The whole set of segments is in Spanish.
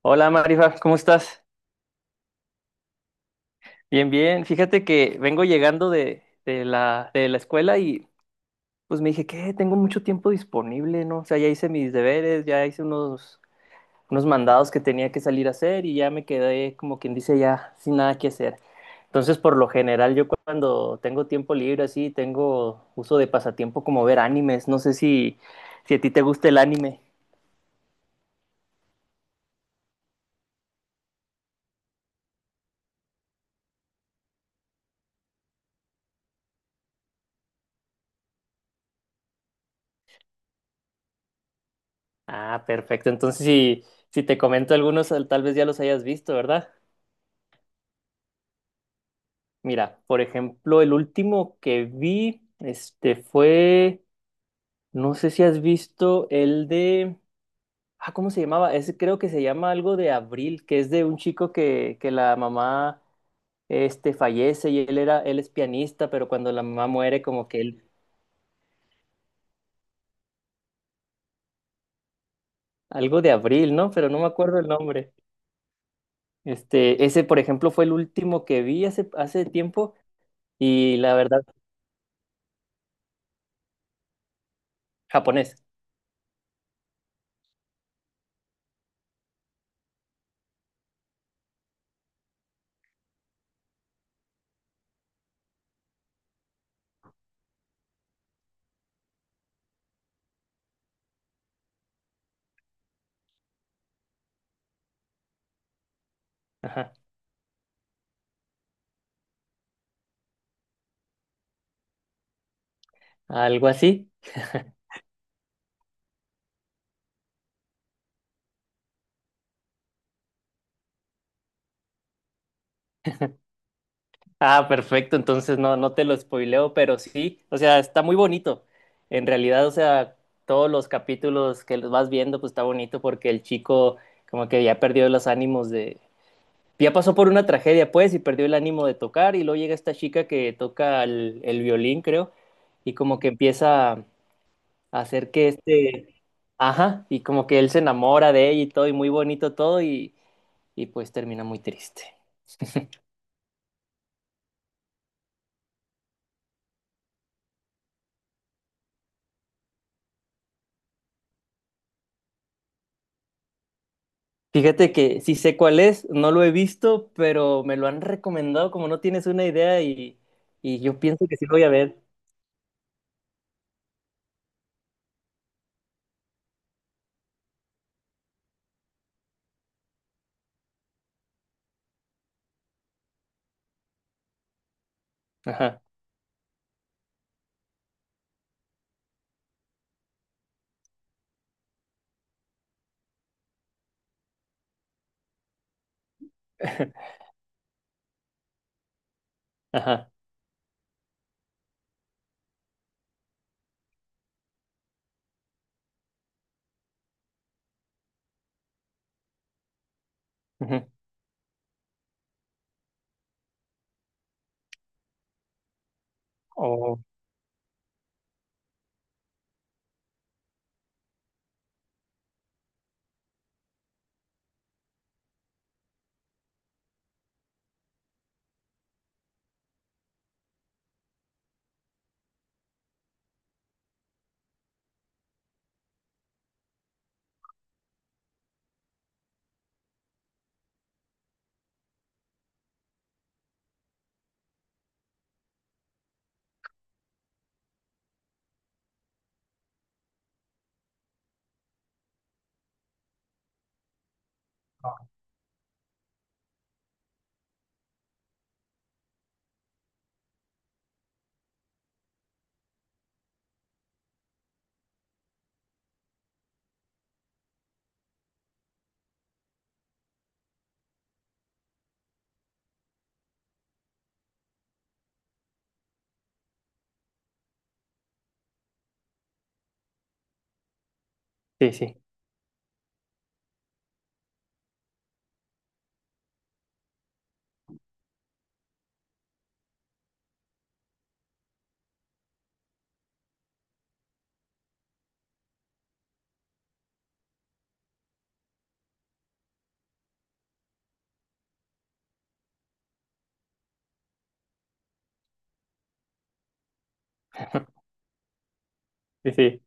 Hola Marifa, ¿cómo estás? Bien, bien. Fíjate que vengo llegando de la escuela y pues me dije, que tengo mucho tiempo disponible, ¿no? O sea, ya hice mis deberes, ya hice unos, unos mandados que tenía que salir a hacer y ya me quedé, como quien dice, ya sin nada que hacer. Entonces, por lo general, yo cuando tengo tiempo libre así, tengo uso de pasatiempo como ver animes. No sé si a ti te gusta el anime. Ah, perfecto. Entonces, si te comento algunos, tal vez ya los hayas visto, ¿verdad? Mira, por ejemplo, el último que vi, este fue, no sé si has visto el de, ah, ¿cómo se llamaba? Ese creo que se llama algo de Abril, que es de un chico que la mamá, este, fallece y él era, él es pianista, pero cuando la mamá muere, como que él, algo de Abril, ¿no? Pero no me acuerdo el nombre. Este, ese, por ejemplo, fue el último que vi hace tiempo y la verdad, japonés, ajá, algo así. Ah, perfecto, entonces no, no te lo spoileo, pero sí, o sea, está muy bonito. En realidad, o sea, todos los capítulos que los vas viendo, pues está bonito porque el chico como que ya perdió los ánimos de. Ya pasó por una tragedia, pues, y perdió el ánimo de tocar, y luego llega esta chica que toca el violín, creo, y como que empieza a hacer que este. Ajá, y como que él se enamora de ella y todo, y muy bonito todo, y pues termina muy triste. Fíjate que sí sé cuál es, no lo he visto, pero me lo han recomendado como no tienes una idea y yo pienso que sí lo voy a ver. Ajá, ajá. Ujú. Oh, sí, sí, sí, sí.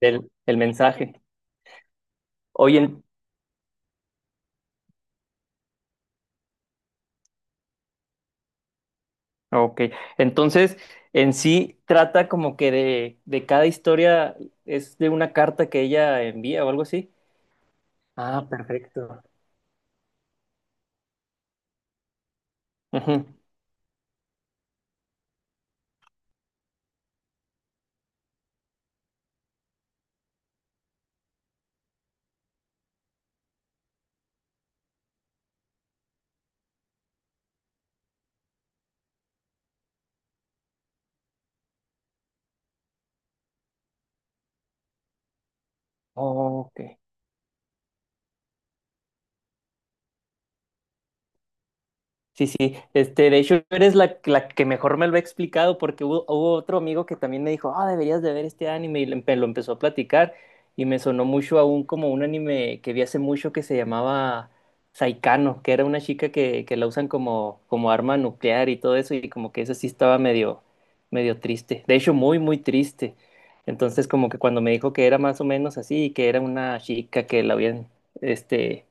El mensaje. Oye, ok. Entonces, en sí trata como que de cada historia es de una carta que ella envía o algo así. Ah, perfecto. Ujú. Ok. Sí, sí, este, de hecho eres la que mejor me lo ha explicado porque hubo, hubo otro amigo que también me dijo, ah, deberías de ver este anime y lo, lo empezó a platicar y me sonó mucho aún como un anime que vi hace mucho que se llamaba Saikano, que era una chica que la usan como, como arma nuclear y todo eso y como que eso sí estaba medio, medio triste, de hecho muy, muy triste. Entonces como que cuando me dijo que era más o menos así y que era una chica que la habían, este,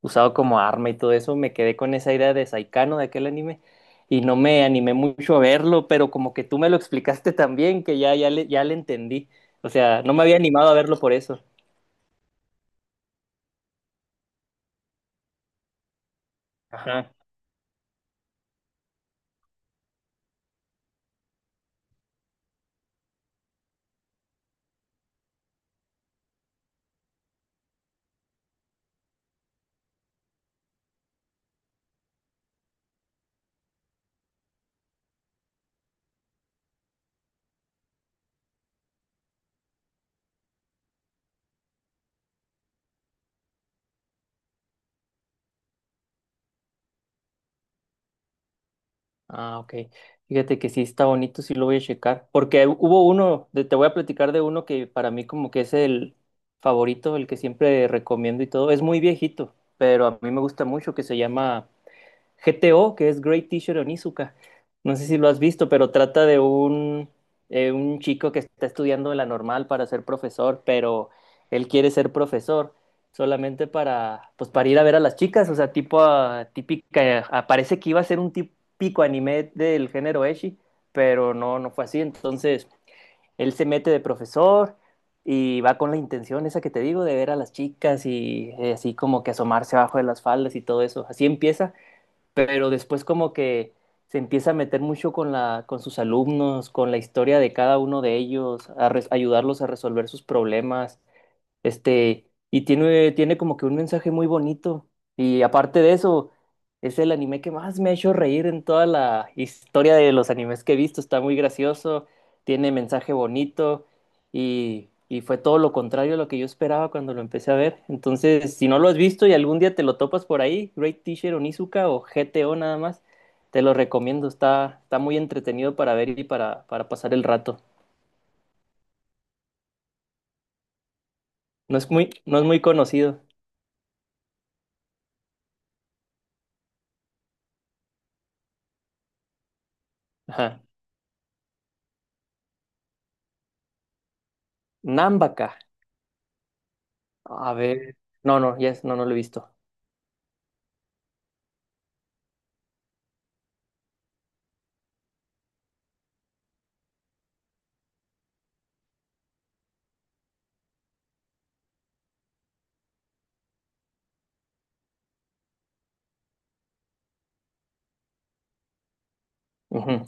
usado como arma y todo eso, me quedé con esa idea de Saikano de aquel anime y no me animé mucho a verlo, pero como que tú me lo explicaste también, que ya, ya le entendí. O sea, no me había animado a verlo por eso. Ajá. Ah, ok. Fíjate que sí está bonito, sí lo voy a checar. Porque hubo uno, te voy a platicar de uno que para mí como que es el favorito, el que siempre recomiendo y todo. Es muy viejito, pero a mí me gusta mucho, que se llama GTO, que es Great Teacher Onizuka. No sé si lo has visto, pero trata de un chico que está estudiando la normal para ser profesor, pero él quiere ser profesor solamente para, pues, para ir a ver a las chicas, o sea, tipo ah, típica, ah, parece que iba a ser un típico anime del género Eshi, pero no, no fue así. Entonces, él se mete de profesor y va con la intención esa que te digo de ver a las chicas y así como que asomarse abajo de las faldas y todo eso. Así empieza, pero después como que se empieza a meter mucho con la, con sus alumnos, con la historia de cada uno de ellos, a ayudarlos a resolver sus problemas. Este, y tiene, tiene como que un mensaje muy bonito. Y aparte de eso, es el anime que más me ha hecho reír en toda la historia de los animes que he visto. Está muy gracioso, tiene mensaje bonito y fue todo lo contrario a lo que yo esperaba cuando lo empecé a ver. Entonces, si no lo has visto y algún día te lo topas por ahí, Great Teacher Onizuka o GTO nada más, te lo recomiendo. Está, está muy entretenido para ver y para pasar el rato. No es muy, no es muy conocido. Ajá. Nambaka. A ver. No, no lo he visto. Ujú.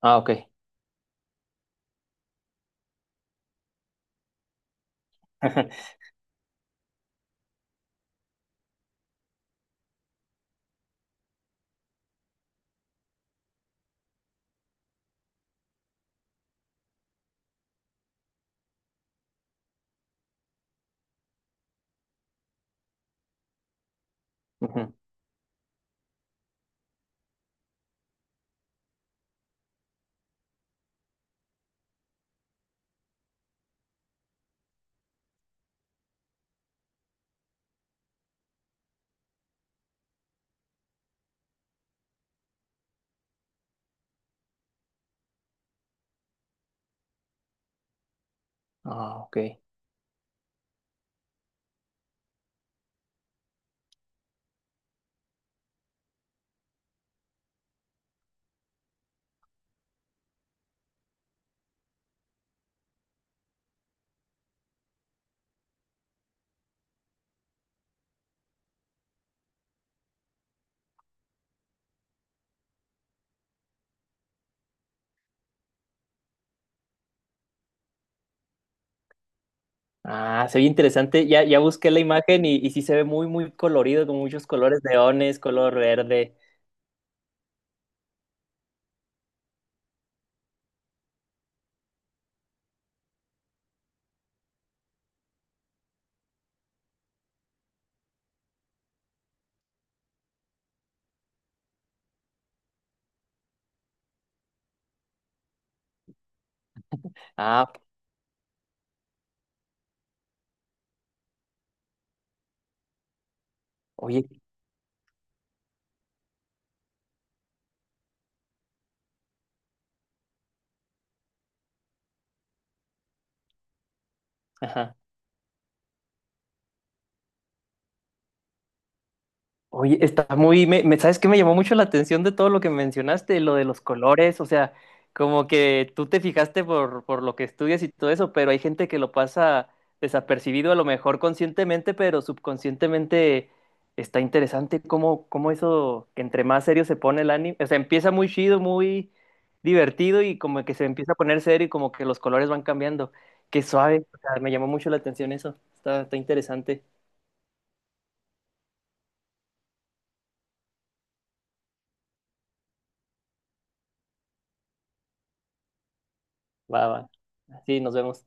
Ah, ok. Ujú. Ah, ok. Ah, se ve interesante. Ya, ya busqué la imagen y sí se ve muy, muy colorido, con muchos colores, leones, color verde. Ah, oye. Oye, está muy, ¿sabes qué me llamó mucho la atención de todo lo que mencionaste, lo de los colores? O sea, como que tú te fijaste por lo que estudias y todo eso, pero hay gente que lo pasa desapercibido, a lo mejor conscientemente, pero subconscientemente está interesante cómo, cómo eso, que entre más serio se pone el anime, o sea, empieza muy chido, muy divertido y como que se empieza a poner serio y como que los colores van cambiando. Qué suave, o sea, me llamó mucho la atención eso, está, está interesante. Va, va. Sí, nos vemos.